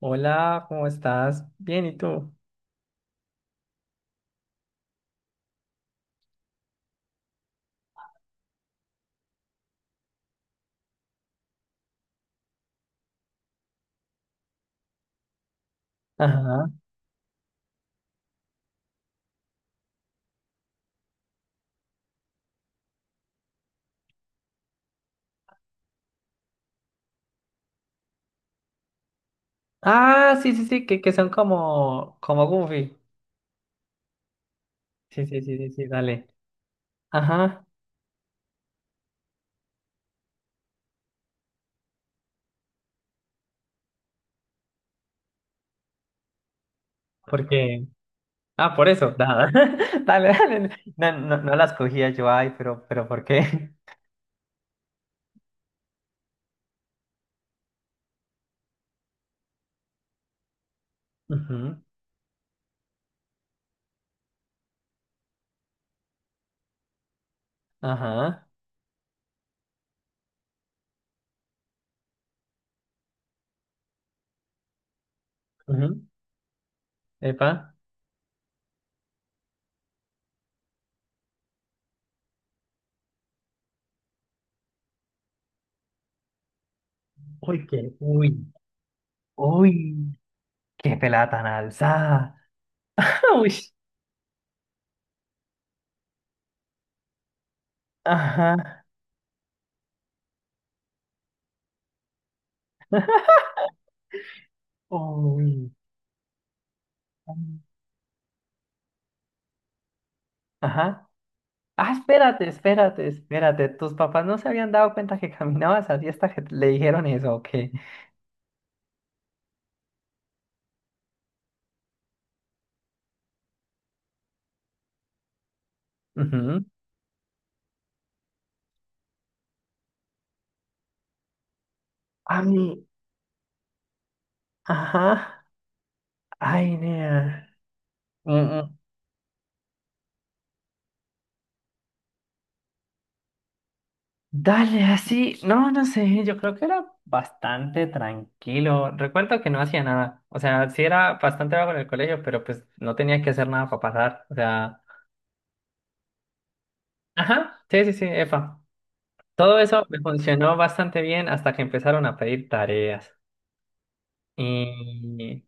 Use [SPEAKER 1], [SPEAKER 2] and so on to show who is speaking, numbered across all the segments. [SPEAKER 1] Hola, ¿cómo estás? Bien, ¿y tú? Ajá. Ah, sí, sí, sí, que son como, como Goofy. Sí, sí, sí, sí, sí, dale. Ajá, porque. Ah, por eso, nada. Dale, dale. No, no, no las cogía yo, ay, pero ¿por qué? Ujú, ajá. Ujú, epa. Uy, qué, uy, uy, qué pelada tan alzada. Uy. Ajá. Uy. Ajá. Ah, espérate, espérate, espérate. ¿Tus papás no se habían dado cuenta que caminabas así hasta que le dijeron eso o qué? Ujú. Ay, ajá. Ay, nea. Mm, mm. Dale, así. No, no sé. Yo creo que era bastante tranquilo. Recuerdo que no hacía nada. O sea, sí era bastante vago en el colegio, pero pues no tenía que hacer nada para pasar. O sea, ajá. Sí, sí, sí, epa. Todo eso me funcionó bastante bien hasta que empezaron a pedir tareas. Y.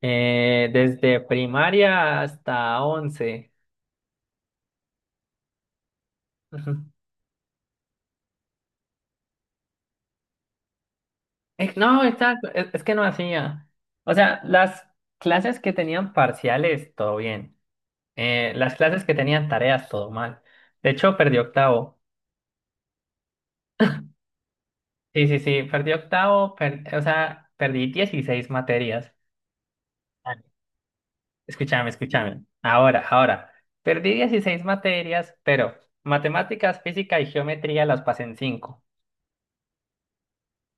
[SPEAKER 1] Desde primaria hasta once. Ujú. No, exacto, es que no hacía. O sea, las clases que tenían parciales, todo bien. Las clases que tenían tareas, todo mal. De hecho, perdí octavo. Sí, sí, sí, perdí octavo, per- o sea, perdí 16 materias. Ah, escúchame, escúchame. Ahora, ahora. Perdí 16 materias, pero matemáticas, física y geometría las pasé en cinco.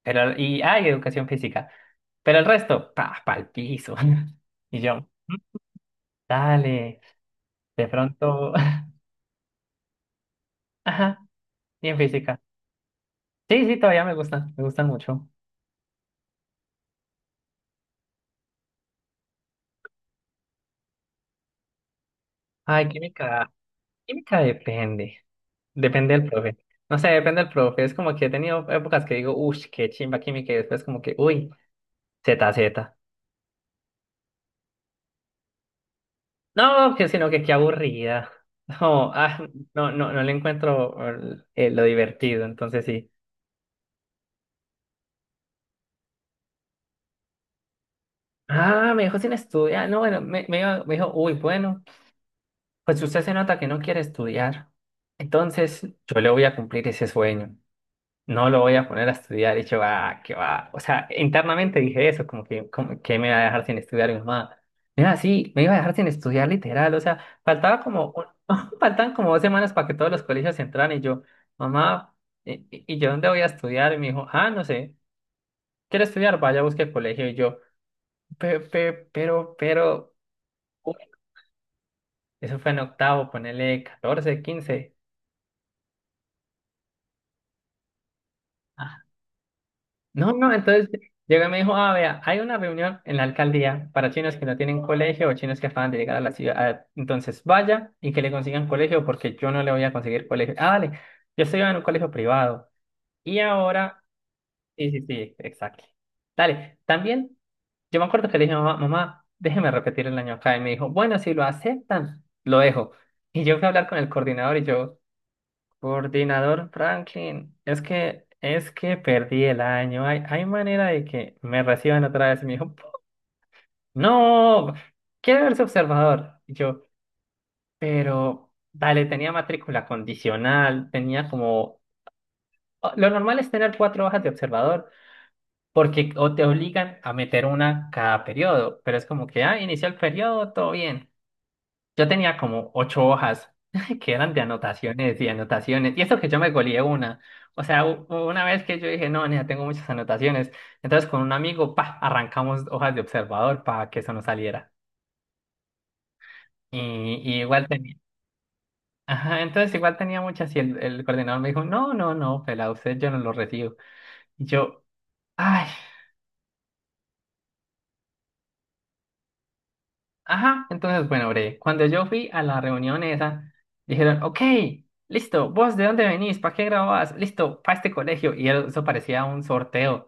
[SPEAKER 1] Pero, y hay educación física. Pero el resto, pa, pa'l piso. Y yo, "Mm, dale, de pronto". Ajá, y en física. Sí, sí, todavía me gustan mucho. Ay, química, química depende. Depende del profe. No sé, depende del profe. Es como que he tenido épocas que digo, uff, qué chimba química, y después como que, uy, ZZ. No, que sino que qué aburrida. No, ah, no, no, no le encuentro lo divertido, entonces sí. Ah, me dijo sin estudiar. No, bueno, me iba- me dijo, uy, bueno, pues usted se nota que no quiere estudiar. Entonces, yo le voy a cumplir ese sueño. No lo voy a poner a estudiar. Y yo, ah, qué va. O sea, internamente dije eso, como que me iba a dejar sin estudiar mi mamá. Mira, sí, me iba a dejar sin estudiar literal. O sea, faltaba como, un- faltaban como dos semanas para que todos los colegios entraran. Y yo, mamá, y yo dónde voy a estudiar? Y me dijo, ah, no sé. ¿Quiere estudiar? Vaya, busque colegio. Y yo, "Pe- pe- pero, pero". Eso fue en octavo, ponele 14 quince. Ah, no, no, entonces llegó y me dijo, ah, vea, hay una reunión en la alcaldía para chinos que no tienen colegio o chinos que acaban de llegar a la ciudad. Entonces vaya y que le consigan colegio porque yo no le voy a conseguir colegio. Ah, dale, yo estoy en un colegio privado. Y ahora, sí, sí, sí, exacto. Dale, también yo me acuerdo que le dije, mamá, mamá, déjeme repetir el año acá. Y me dijo, bueno, si lo aceptan, lo dejo. Y yo fui a hablar con el coordinador y yo, coordinador Franklin, es que perdí el año. Hay manera de que me reciban otra vez. Y me dijo, no, quiero verse observador. Y yo, pero dale, tenía matrícula condicional, tenía como. O- lo normal es tener cuatro hojas de observador, porque o te obligan a meter una cada periodo, pero es como que, ah, inició el periodo, todo bien. Yo tenía como ocho hojas que eran de anotaciones y anotaciones. Y eso que yo me goleé una. O sea, u- una vez que yo dije, no, nena, tengo muchas anotaciones. Entonces con un amigo, pa, arrancamos hojas de observador para que eso no saliera. Y, y igual tenía. Ajá, entonces igual tenía muchas y el coordinador me dijo, no, no, no, pela, usted yo no lo recibo. Y yo, ay. Ajá, entonces, bueno, bre, cuando yo fui a la reunión esa, dijeron, ok, listo, vos de dónde venís, para qué grabás, listo, para este colegio, y eso parecía un sorteo.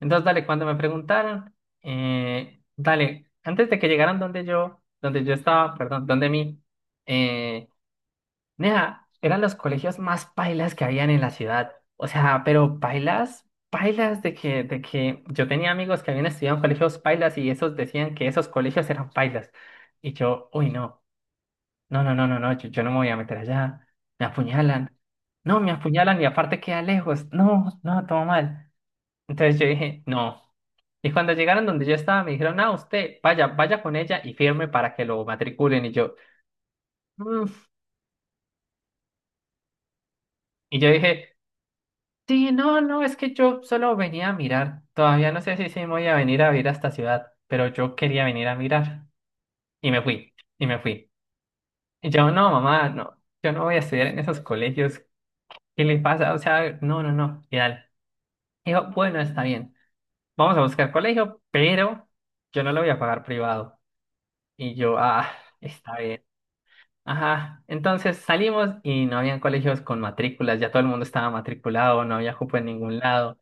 [SPEAKER 1] Entonces, dale, cuando me preguntaron, dale, antes de que llegaran donde yo estaba, perdón, donde mí, eh, nea, eran los colegios más pailas que habían en la ciudad. O sea, pero pailas, pailas de que yo tenía amigos que habían estudiado en colegios pailas y esos decían que esos colegios eran pailas. Y yo, uy, no, no, no, no, no, no, yo no me voy a meter allá. Me apuñalan. No, me apuñalan y aparte queda lejos. No, no, todo mal. Entonces yo dije, no. Y cuando llegaron donde yo estaba, me dijeron, ah, usted, vaya, vaya con ella y firme para que lo matriculen. Y yo, "Mm". Y yo dije, sí, no, no, es que yo solo venía a mirar. Todavía no sé si sí me voy a venir a vivir a esta ciudad, pero yo quería venir a mirar. Y me fui, y me fui. Y yo, no, mamá, no, yo no voy a estudiar en esos colegios. ¿Qué le pasa? O sea, no, no, no, y tal. Dijo, bueno, está bien, vamos a buscar colegio, pero yo no lo voy a pagar privado. Y yo, ah, está bien. Ajá, entonces salimos y no habían colegios con matrículas, ya todo el mundo estaba matriculado, no había cupo en ningún lado.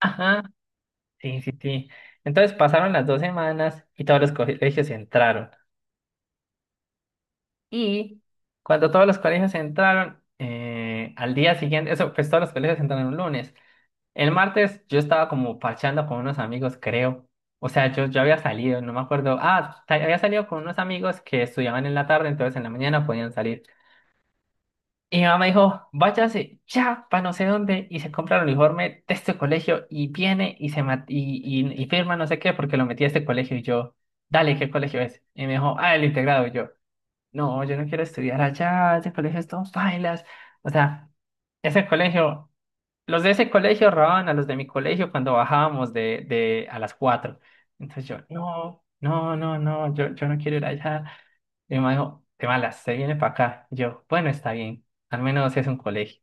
[SPEAKER 1] Ajá. Sí, sí, sí. Entonces pasaron las dos semanas y todos los colegios entraron. Y cuando todos los colegios entraron, al día siguiente, eso, pues todos los colegios entraron un lunes. El martes yo estaba como parchando con unos amigos, creo. O sea, yo había salido, no me acuerdo. Ah, ta- había salido con unos amigos que estudiaban en la tarde, entonces en la mañana podían salir. Y mi mamá dijo, váyase ya para no sé dónde y se compra el uniforme de este colegio y viene y se ma- y firma no sé qué porque lo metí a este colegio y yo, dale, ¿qué colegio es? Y me dijo, ah, el integrado. Y yo, no, yo no quiero estudiar allá, ese colegio es todo bailas. O sea, ese colegio los de ese colegio robaban a los de mi colegio cuando bajábamos de a las 4. Entonces yo, no, no, no, no, yo no quiero ir allá. Y mi mamá dijo, te malas, se viene para acá. Y yo, bueno, está bien, al menos es un colegio.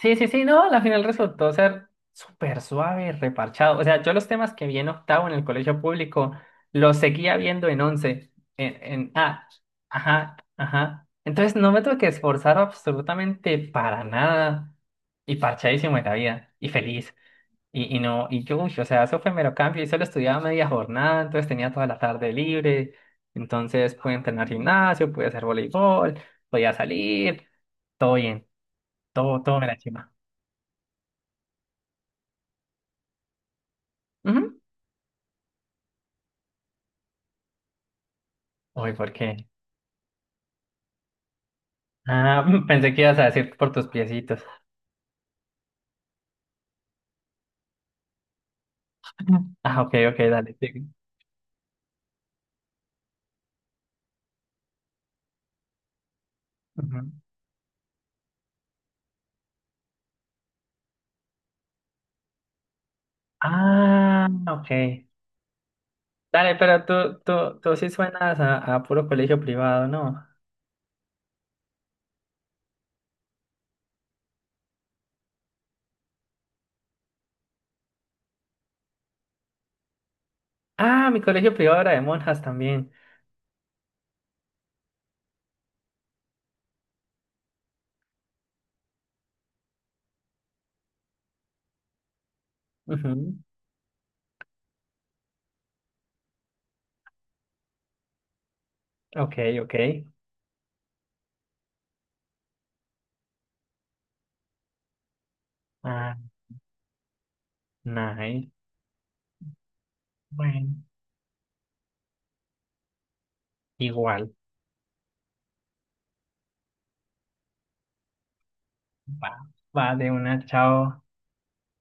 [SPEAKER 1] Sí, sí, sí, no, la final resultó ser súper suave, reparchado. O sea, yo los temas que vi en octavo en el colegio público los seguía viendo en once, en ah, ajá, ajá. Entonces no me tuve que esforzar absolutamente para nada y parchadísimo en la vida y feliz. Y no, y yo, uy, o sea, eso fue mero cambio y solo estudiaba media jornada, entonces tenía toda la tarde libre. Entonces pude entrenar gimnasio, pude hacer voleibol, podía salir, todo bien, todo, todo me la. Ujú. Uy, ¿por qué? Ah, pensé que ibas a decir por tus piecitos. Ah, ok, ok, dale. Sí. Ujú. Ah, ok. Dale, pero tú sí suenas a puro colegio privado, ¿no? Ah, mi colegio privado era de monjas también. Ujú. Ok, ok. Ah, nice. Bueno, igual. Va, va de una, chao.